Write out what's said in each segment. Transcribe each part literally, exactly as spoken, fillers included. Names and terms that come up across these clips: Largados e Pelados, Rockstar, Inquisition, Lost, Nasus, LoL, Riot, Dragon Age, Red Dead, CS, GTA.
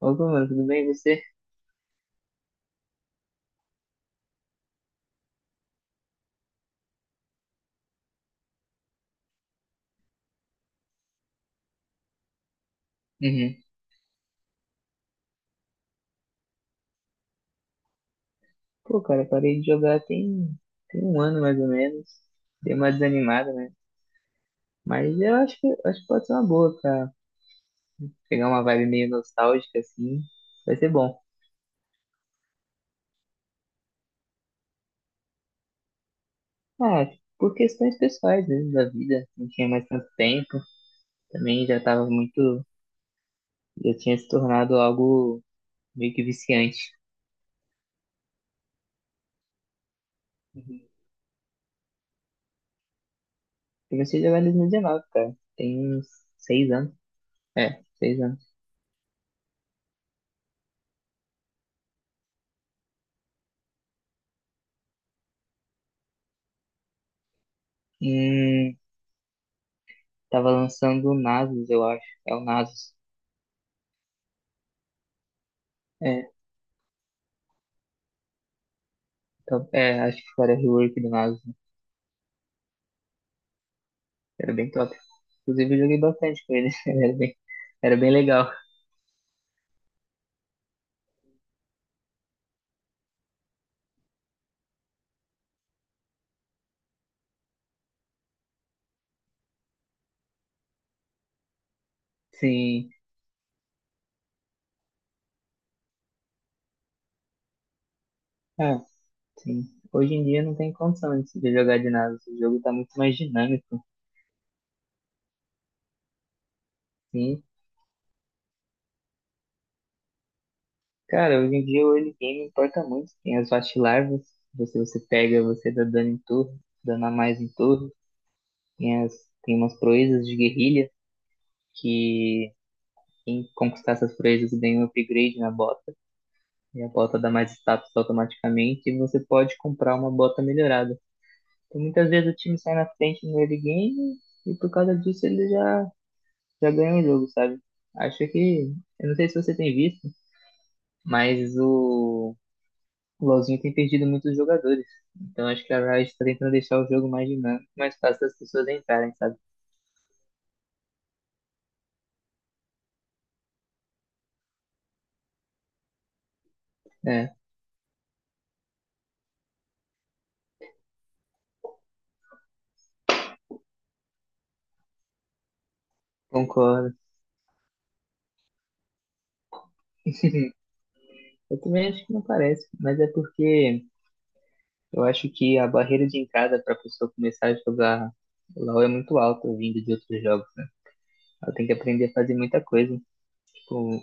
Opa, mano, tudo bem? E você? Uhum. Pô, cara, parei de jogar tem, tem um ano mais ou menos. Dei uma desanimada, né? Mas eu acho que, acho que pode ser uma boa pra pegar uma vibe meio nostálgica, assim. Vai ser bom. Ah, por questões pessoais mesmo da vida. Não tinha mais tanto tempo. Também já tava muito. Já tinha se tornado algo meio que viciante. Uhum. Comecei a jogar em dois mil e dezenove, cara. Tem uns seis anos. É, seis anos. Hum, Tava lançando o Nasus, eu acho. É o Nasus. É, top. É, acho que era rework do Nasus. Era bem top. Inclusive, eu joguei bastante com ele. Era bem, era bem legal. Sim. Ah, sim. Hoje em dia não tem condição de se jogar de Nasus. O jogo tá muito mais dinâmico. Sim. Cara, hoje em dia o early game importa muito. Tem as fast larvas. Você, você pega, você dá dano em torre, dano a mais em torre. Tem, as, Tem umas proezas de guerrilha que quem conquistar essas proezas ganha um upgrade na bota. E a bota dá mais status automaticamente e você pode comprar uma bota melhorada. Então, muitas vezes o time sai na frente no early game e por causa disso ele já, já ganha o jogo, sabe? Acho que, eu não sei se você tem visto, mas o, o LoLzinho tem perdido muitos jogadores. Então acho que a Riot está tentando deixar o jogo mais dinâmico, mais fácil das pessoas entrarem, sabe? É, concordo. Eu também acho que não parece, mas é porque eu acho que a barreira de entrada para a pessoa começar a jogar LoL é muito alta, vindo de outros jogos. Ela tem que aprender a fazer muita coisa. Tipo,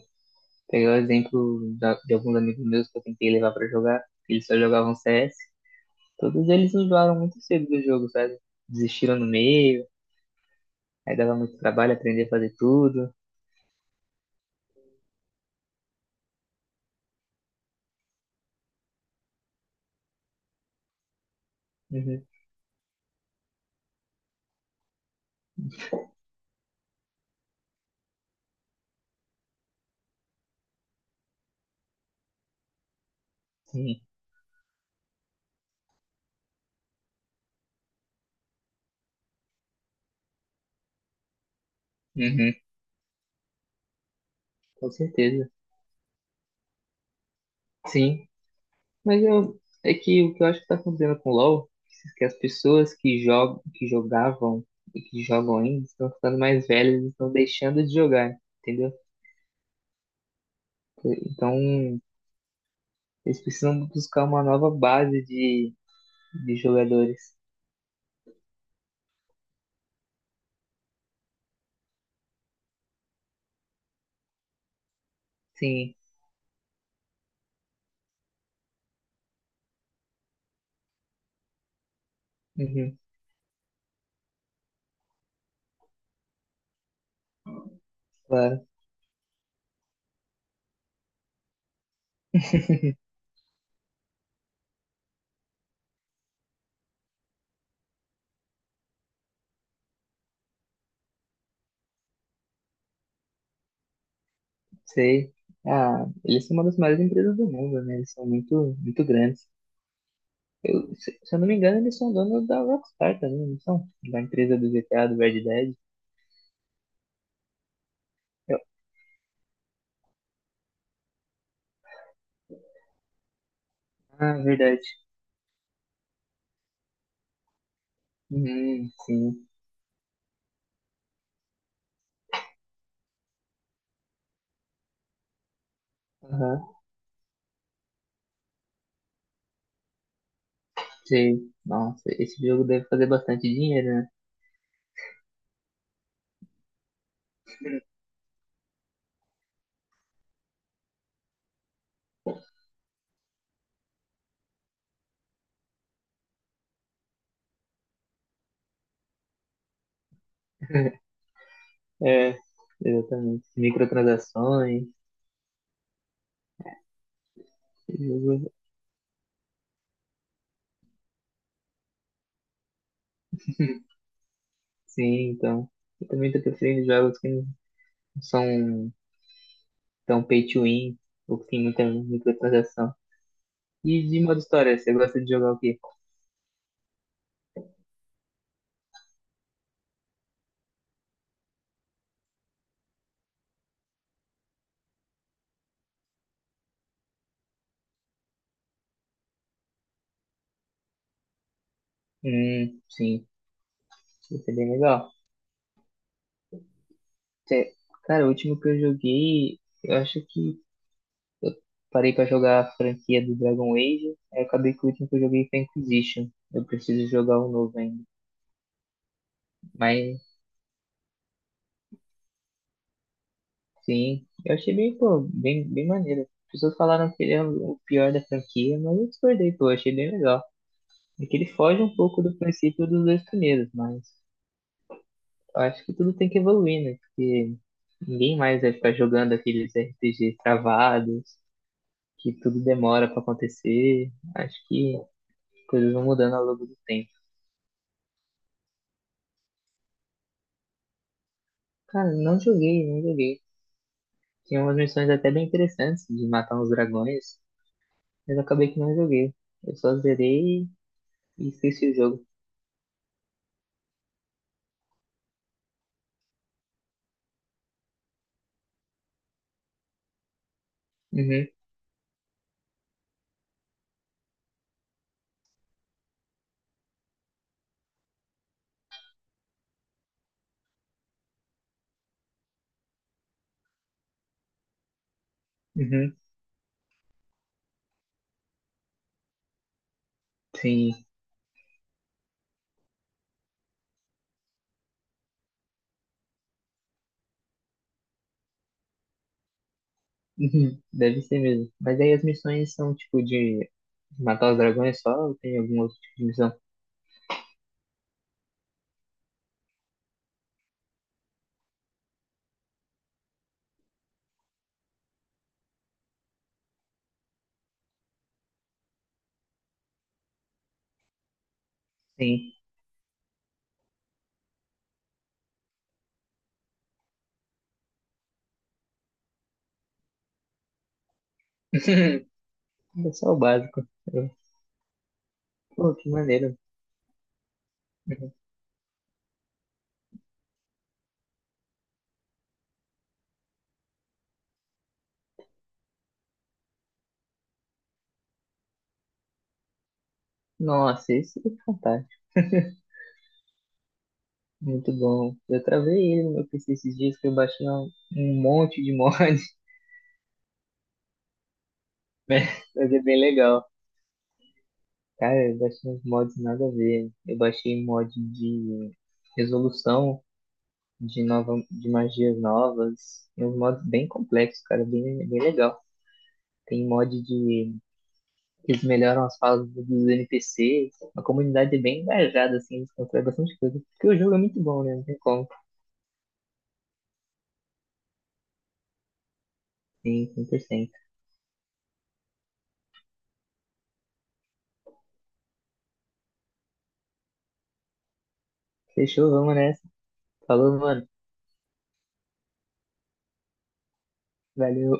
pegar o exemplo da- de alguns amigos meus que eu tentei levar para jogar, eles só jogavam C S. Todos eles enjoaram muito cedo do jogo, sabe? Desistiram no meio, aí dava muito trabalho aprender a fazer tudo. Uhum, sim, uhum, com certeza. Sim. Mas eu, é que o que eu acho que tá acontecendo com o LoL, que as pessoas que jogam, que jogavam e que jogam ainda estão ficando mais velhas e estão deixando de jogar, entendeu? Então, eles precisam buscar uma nova base de, de jogadores. Sim, uhum, claro. Sei. Ah, eles são uma das maiores empresas do mundo, né? Eles são muito, muito grandes. Eu, se, se eu não me engano, eles são donos da Rockstar também, não são? Da empresa do G T A, do Red Dead. Eu- ah, verdade. Hum, sim. Aham, sei. Nossa, esse jogo deve fazer bastante dinheiro, né? É, exatamente. Microtransações. esse jogo- Sim, então. Eu também tô preferindo jogos que não são tão pay to win, ou que tem muita microtransação. E de modo história, você gosta de jogar o quê? Hum, sim. Isso é bem legal. Cê- Cara, o último que eu joguei, eu acho que parei pra jogar a franquia do Dragon Age, aí eu acabei que o último que eu joguei foi Inquisition. Eu preciso jogar o novo ainda. Mas, sim, eu achei bem, pô, bem, bem maneiro. As pessoas falaram que ele é o pior da franquia, mas eu discordei, pô, eu achei bem legal. É que ele foge um pouco do princípio dos dois primeiros, mas eu acho que tudo tem que evoluir, né? Porque ninguém mais vai ficar jogando aqueles R P Gs travados, que tudo demora pra acontecer. Acho que coisas vão mudando ao longo do tempo. Cara, não joguei, não joguei. Tinha umas missões até bem interessantes de matar uns dragões, mas eu acabei que não joguei. Eu só zerei e esqueci o jogo. Uhum, uhum, sim. Uhum, deve ser mesmo. Mas aí as missões são tipo de matar os dragões só ou tem algum outro tipo de missão? Sim. É só o básico. Eu- Pô, que maneiro. Uhum. Nossa, esse é fantástico. Muito bom. Eu travei ele no meu P C esses dias que eu baixei um um monte de mod, né? Mas é bem legal. Cara, eu baixei uns mods nada a ver. Eu baixei mod de resolução, de nova, de magias novas. E uns mods bem complexos, cara, bem, bem legal. Tem mod de que eles melhoram as falas dos N P Cs. A comunidade é bem engajada, assim, eles constroem bastante coisa. Porque o jogo é muito bom, né? Não tem como. Sim, cem por cento. Fechou, vamos nessa. Falou, mano. Valeu.